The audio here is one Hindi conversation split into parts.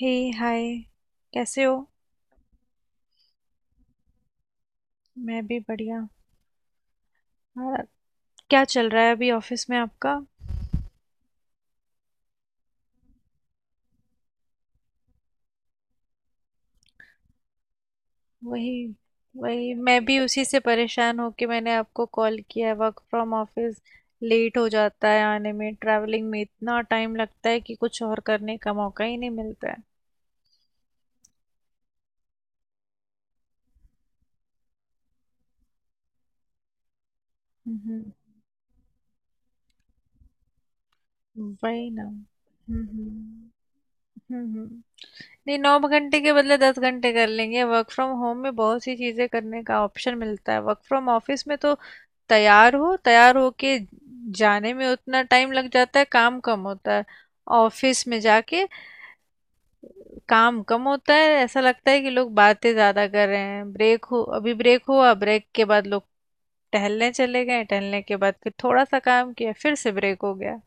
हे। हाय। कैसे हो? मैं भी बढ़िया। हाँ। क्या चल रहा है अभी ऑफिस में आपका? वही। वही, मैं भी उसी से परेशान होके मैंने आपको कॉल किया है। वर्क फ्रॉम ऑफिस लेट हो जाता है, आने में ट्रैवलिंग में इतना टाइम लगता है कि कुछ और करने का मौका ही नहीं मिलता है। हम्म। वही ना। हम्म। हम्म। हम्म। हम्म। नहीं, 9 घंटे के बदले 10 घंटे कर लेंगे, वर्क फ्रॉम होम में बहुत सी चीज़ें करने का ऑप्शन मिलता है। वर्क फ्रॉम ऑफिस में तो तैयार हो, तैयार होके जाने में उतना टाइम लग जाता है, काम कम होता है। ऑफिस में जाके काम कम होता है, ऐसा लगता है कि लोग बातें ज़्यादा कर रहे हैं। ब्रेक हो, अभी ब्रेक हुआ, ब्रेक के बाद लोग टहलने चले गए, टहलने के बाद फिर थोड़ा सा काम किया, फिर से ब्रेक हो गया।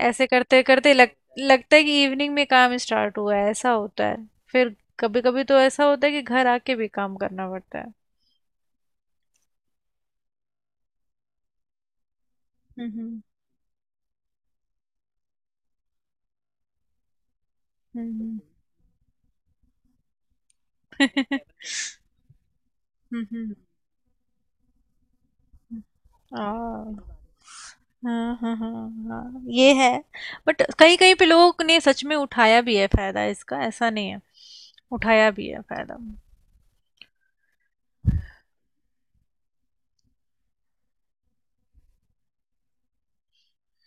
ऐसे करते करते लग लगता है कि इवनिंग में काम स्टार्ट हुआ है, ऐसा होता है। फिर कभी कभी तो ऐसा होता है कि घर आके भी काम करना पड़ता है। हम्म। हम्म। हम्म। हम्म। हम्म। हम्म। हाँ, हाँ, हाँ। हाँ, हाँ, ये है। बट कहीं कहीं पे लोगों ने सच में उठाया भी है फायदा इसका, ऐसा नहीं है। उठाया भी है फायदा।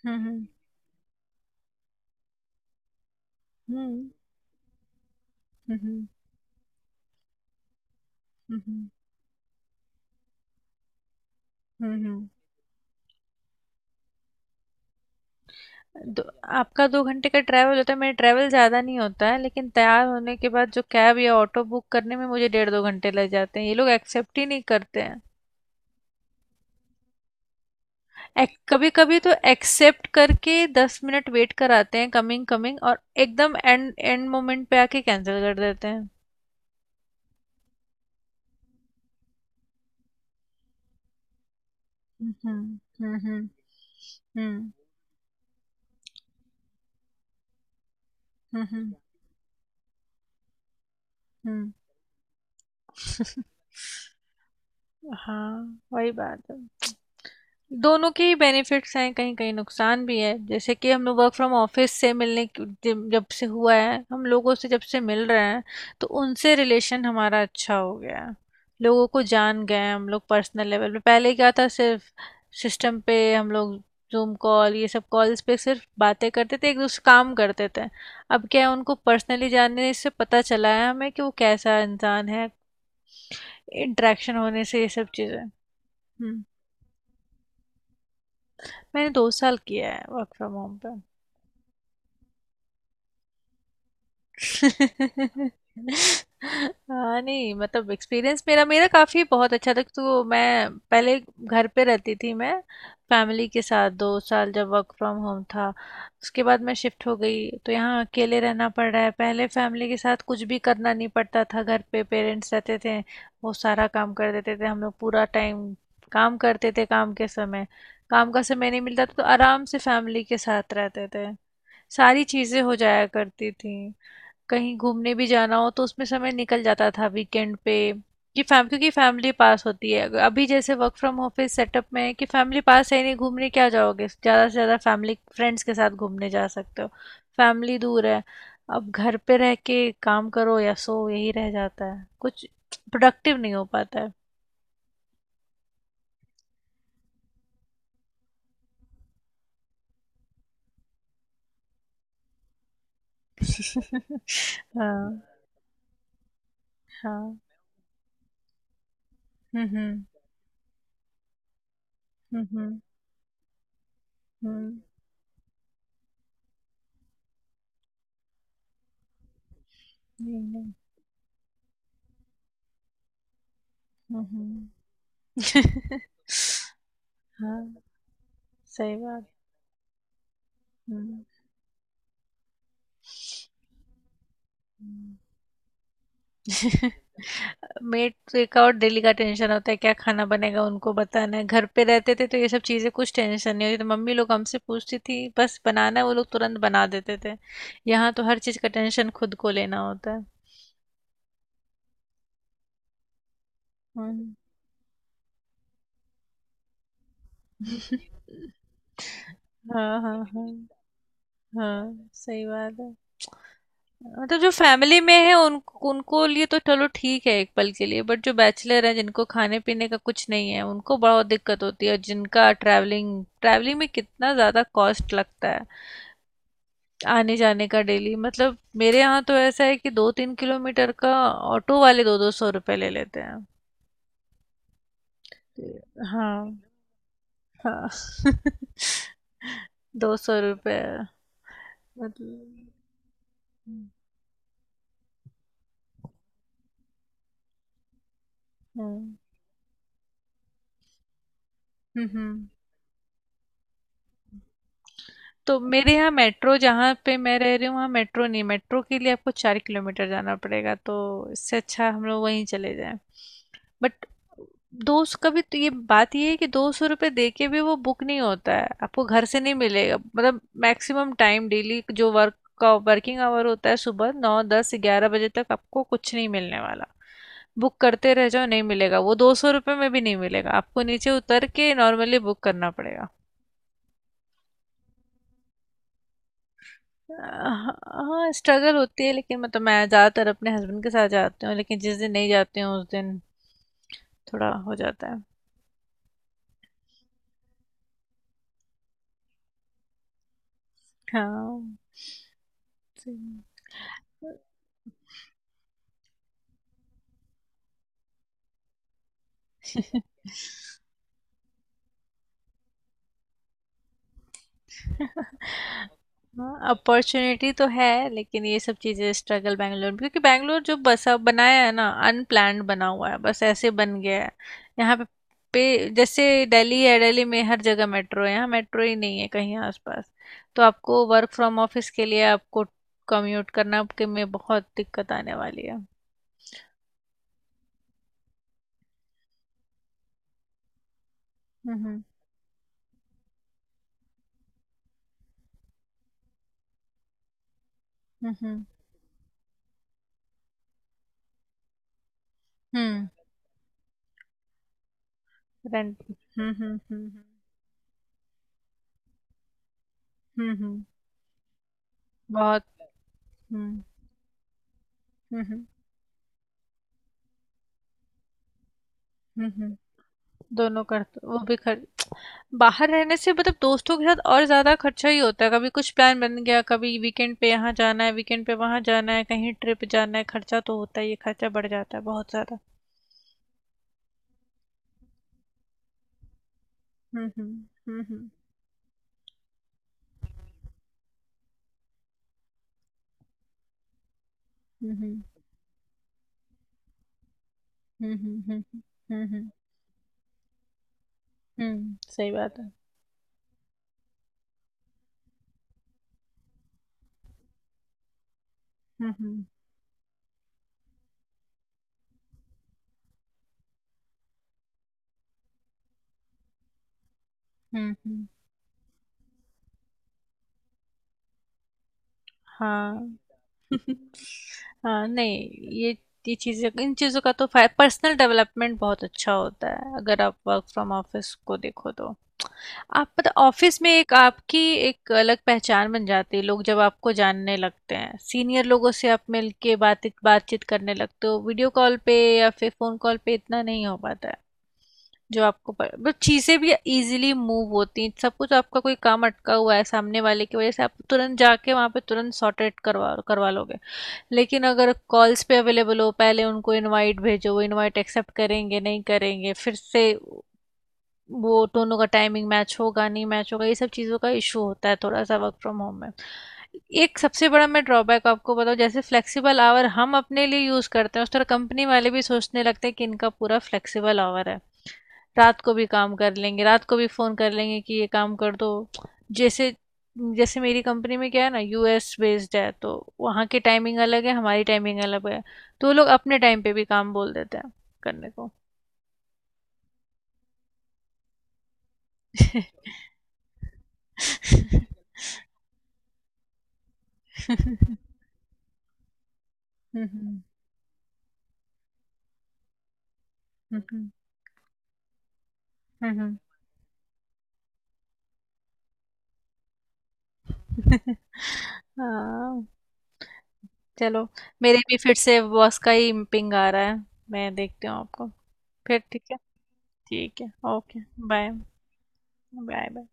हम्म। हम्म। हम्म। हम्म। हम्म। हम्म। हम्म। दो, आपका 2 घंटे का ट्रैवल होता है, मेरा ट्रैवल ज़्यादा नहीं होता है लेकिन तैयार होने के बाद जो कैब या ऑटो बुक करने में मुझे डेढ़ दो घंटे लग जाते हैं, ये लोग एक्सेप्ट ही नहीं करते। कभी कभी तो एक्सेप्ट करके 10 मिनट वेट कराते हैं, कमिंग कमिंग, और एकदम एंड एंड मोमेंट पे आके कैंसिल कर देते हैं। हम्म। हम्म। हम्म। हम्म। हम्म। हम्म। हाँ, वही बात है। दोनों के ही बेनिफिट्स हैं, कहीं कहीं नुकसान भी है। जैसे कि हम लोग वर्क फ्रॉम ऑफिस से जब जब से हुआ है, हम लोगों से जब से मिल रहे हैं तो उनसे रिलेशन हमारा अच्छा हो गया है। लोगों को जान गए हैं हम लोग पर्सनल लेवल पे, पहले क्या था, सिर्फ सिस्टम पे हम लोग जूम कॉल, ये सब कॉल्स पे सिर्फ बातें करते थे, एक दूसरे से काम करते थे। अब क्या है, उनको पर्सनली जानने से पता चला है हमें कि वो कैसा इंसान है, इंटरेक्शन होने से ये सब चीज़ें। हम्म। मैंने 2 साल किया है वर्क फ्रॉम होम पे। हाँ नहीं, मतलब एक्सपीरियंस मेरा मेरा काफ़ी बहुत अच्छा था। तो मैं पहले घर पे रहती थी, मैं फैमिली के साथ, 2 साल जब वर्क फ्रॉम होम था। उसके बाद मैं शिफ्ट हो गई तो यहाँ अकेले रहना पड़ रहा है। पहले फैमिली के साथ कुछ भी करना नहीं पड़ता था, घर पे पेरेंट्स रहते थे, वो सारा काम कर देते थे, हम लोग पूरा टाइम काम करते थे। काम के समय काम का समय नहीं मिलता था, तो आराम से फैमिली के साथ रहते थे, सारी चीजें हो जाया करती थी। कहीं घूमने भी जाना हो तो उसमें समय निकल जाता था वीकेंड पे, कि फैम क्योंकि फैमिली पास होती है। अभी जैसे वर्क फ्रॉम ऑफिस सेटअप में है कि फैमिली पास है ही नहीं, घूमने क्या जाओगे, ज़्यादा से ज़्यादा फैमिली फ्रेंड्स के साथ घूमने जा सकते हो। फैमिली दूर है, अब घर पे रह के काम करो या सो, यही रह जाता है, कुछ प्रोडक्टिव नहीं हो पाता है। हाँ। हाँ। हम्म। हम्म। हम्म। हम्म। हम्म, नहीं, नहीं। हम्म। हम्म। हाँ, सही बात। हम्म, हम्म। मेड का और डेली का टेंशन होता है, क्या खाना बनेगा उनको बताना है। घर पे रहते थे तो ये सब चीज़ें कुछ टेंशन नहीं होती, तो मम्मी लोग हमसे पूछती थी, बस बनाना है, वो लोग तुरंत बना देते थे। यहाँ तो हर चीज़ का टेंशन खुद को लेना होता है। हम्म। हाँ, हाँ, हाँ। हाँ, सही बात है। हाँ, तो जो फैमिली में है उन उनको लिए तो चलो ठीक है एक पल के लिए, बट जो बैचलर है जिनको खाने पीने का कुछ नहीं है, उनको बहुत दिक्कत होती है। और जिनका ट्रैवलिंग ट्रैवलिंग में कितना ज़्यादा कॉस्ट लगता है आने जाने का डेली, मतलब मेरे यहाँ तो ऐसा है कि 2-3 किलोमीटर का ऑटो वाले दो दो सौ रुपये ले लेते हैं। हाँ। हाँ। ₹200। मतलब। हम्म। हम्म। हम्म। तो मेरे यहाँ मेट्रो, जहाँ पे मैं रह रही हूँ वहाँ मेट्रो नहीं, मेट्रो के लिए आपको 4 किलोमीटर जाना पड़ेगा, तो इससे अच्छा हम लोग वहीं चले जाएं। बट 200 का भी, तो ये बात ये है कि ₹200 दे के भी वो बुक नहीं होता है, आपको घर से नहीं मिलेगा, मतलब मैक्सिमम टाइम डेली जो वर्क का वर्किंग आवर होता है, सुबह नौ दस ग्यारह बजे तक आपको कुछ नहीं मिलने वाला। बुक करते रह जाओ नहीं मिलेगा, वो ₹200 में भी नहीं मिलेगा। आपको नीचे उतर के नॉर्मली बुक करना पड़ेगा। हाँ, स्ट्रगल होती है लेकिन मतलब मैं ज़्यादातर अपने हस्बैंड के साथ जाती हूँ लेकिन जिस दिन नहीं जाती हूँ उस दिन थोड़ा हो जाता है। हाँ। जी। हाँ, अपॉर्चुनिटी तो है लेकिन ये सब चीज़ें स्ट्रगल बैंगलोर में, क्योंकि बैंगलोर जो बसा बनाया है ना, अनप्लान्ड बना हुआ है, बस ऐसे बन गया है। यहाँ पे पे, जैसे दिल्ली है, दिल्ली में हर जगह मेट्रो है, यहाँ मेट्रो ही नहीं है कहीं आसपास। तो आपको वर्क फ्रॉम ऑफिस के लिए आपको कम्यूट करना, आपके में बहुत दिक्कत आने वाली है। हम्म। हम्म। हम्म। हम्म। रेंट। हम्म। हम्म। हम्म। हम्म। बहुत। हम्म। हम्म। हम्म। हम्म। दोनों करते, वो भी खर्च। बाहर रहने से मतलब दोस्तों के साथ और ज़्यादा खर्चा ही होता है, कभी कुछ प्लान बन गया, कभी वीकेंड पे यहाँ जाना है, वीकेंड पे वहाँ जाना है, कहीं ट्रिप जाना है, खर्चा तो होता ही है, खर्चा बढ़ जाता है बहुत ज़्यादा। हम्म। हम्म। हम्म। हम्म। हम्म। हम्म। हम्म। हम्म। हम्म। सही बात है। हम्म। हम्म। हम्म। हाँ। हाँ नहीं, ये ये चीज़ें, इन चीज़ों का तो पर्सनल डेवलपमेंट बहुत अच्छा होता है अगर आप वर्क फ्रॉम ऑफिस को देखो तो, आप पता ऑफिस में एक आपकी एक अलग पहचान बन जाती है। लोग जब आपको जानने लगते हैं, सीनियर लोगों से आप मिलके बातचीत बातचीत करने लगते हो, वीडियो कॉल पे या फिर फोन कॉल पे इतना नहीं हो पाता है जो आपको पर, बट चीज़ें भी इजीली मूव होती हैं, सब कुछ आपका कोई काम अटका हुआ है सामने वाले की वजह से आप तुरंत जाके वहाँ पे तुरंत सॉर्ट आउट करवा करवा लोगे। लेकिन अगर कॉल्स पे अवेलेबल हो, पहले उनको इनवाइट भेजो, वो इनवाइट एक्सेप्ट करेंगे नहीं करेंगे, फिर से वो दोनों का टाइमिंग मैच होगा नहीं मैच होगा, ये सब चीज़ों का इशू होता है थोड़ा सा वर्क फ्रॉम होम में। एक सबसे बड़ा मैं ड्रॉबैक आपको बताऊँ, जैसे फ्लेक्सिबल आवर हम अपने लिए यूज़ करते हैं उस तरह कंपनी वाले भी सोचने लगते हैं कि इनका पूरा फ्लेक्सिबल आवर है, रात को भी काम कर लेंगे, रात को भी फ़ोन कर लेंगे कि ये काम कर दो। जैसे जैसे मेरी कंपनी में क्या है ना, यूएस बेस्ड है, तो वहाँ की टाइमिंग अलग है, हमारी टाइमिंग अलग है, तो वो लोग अपने टाइम पे भी काम बोल देते हैं करने को। हुँ, हुँ। हुँ, हुँ। हुँ, हुँ। हाँ, चलो। मेरे भी फिर से बॉस का ही पिंग आ रहा है। मैं देखती हूँ आपको। फिर ठीक है? ठीक है। Okay, bye. Bye, bye.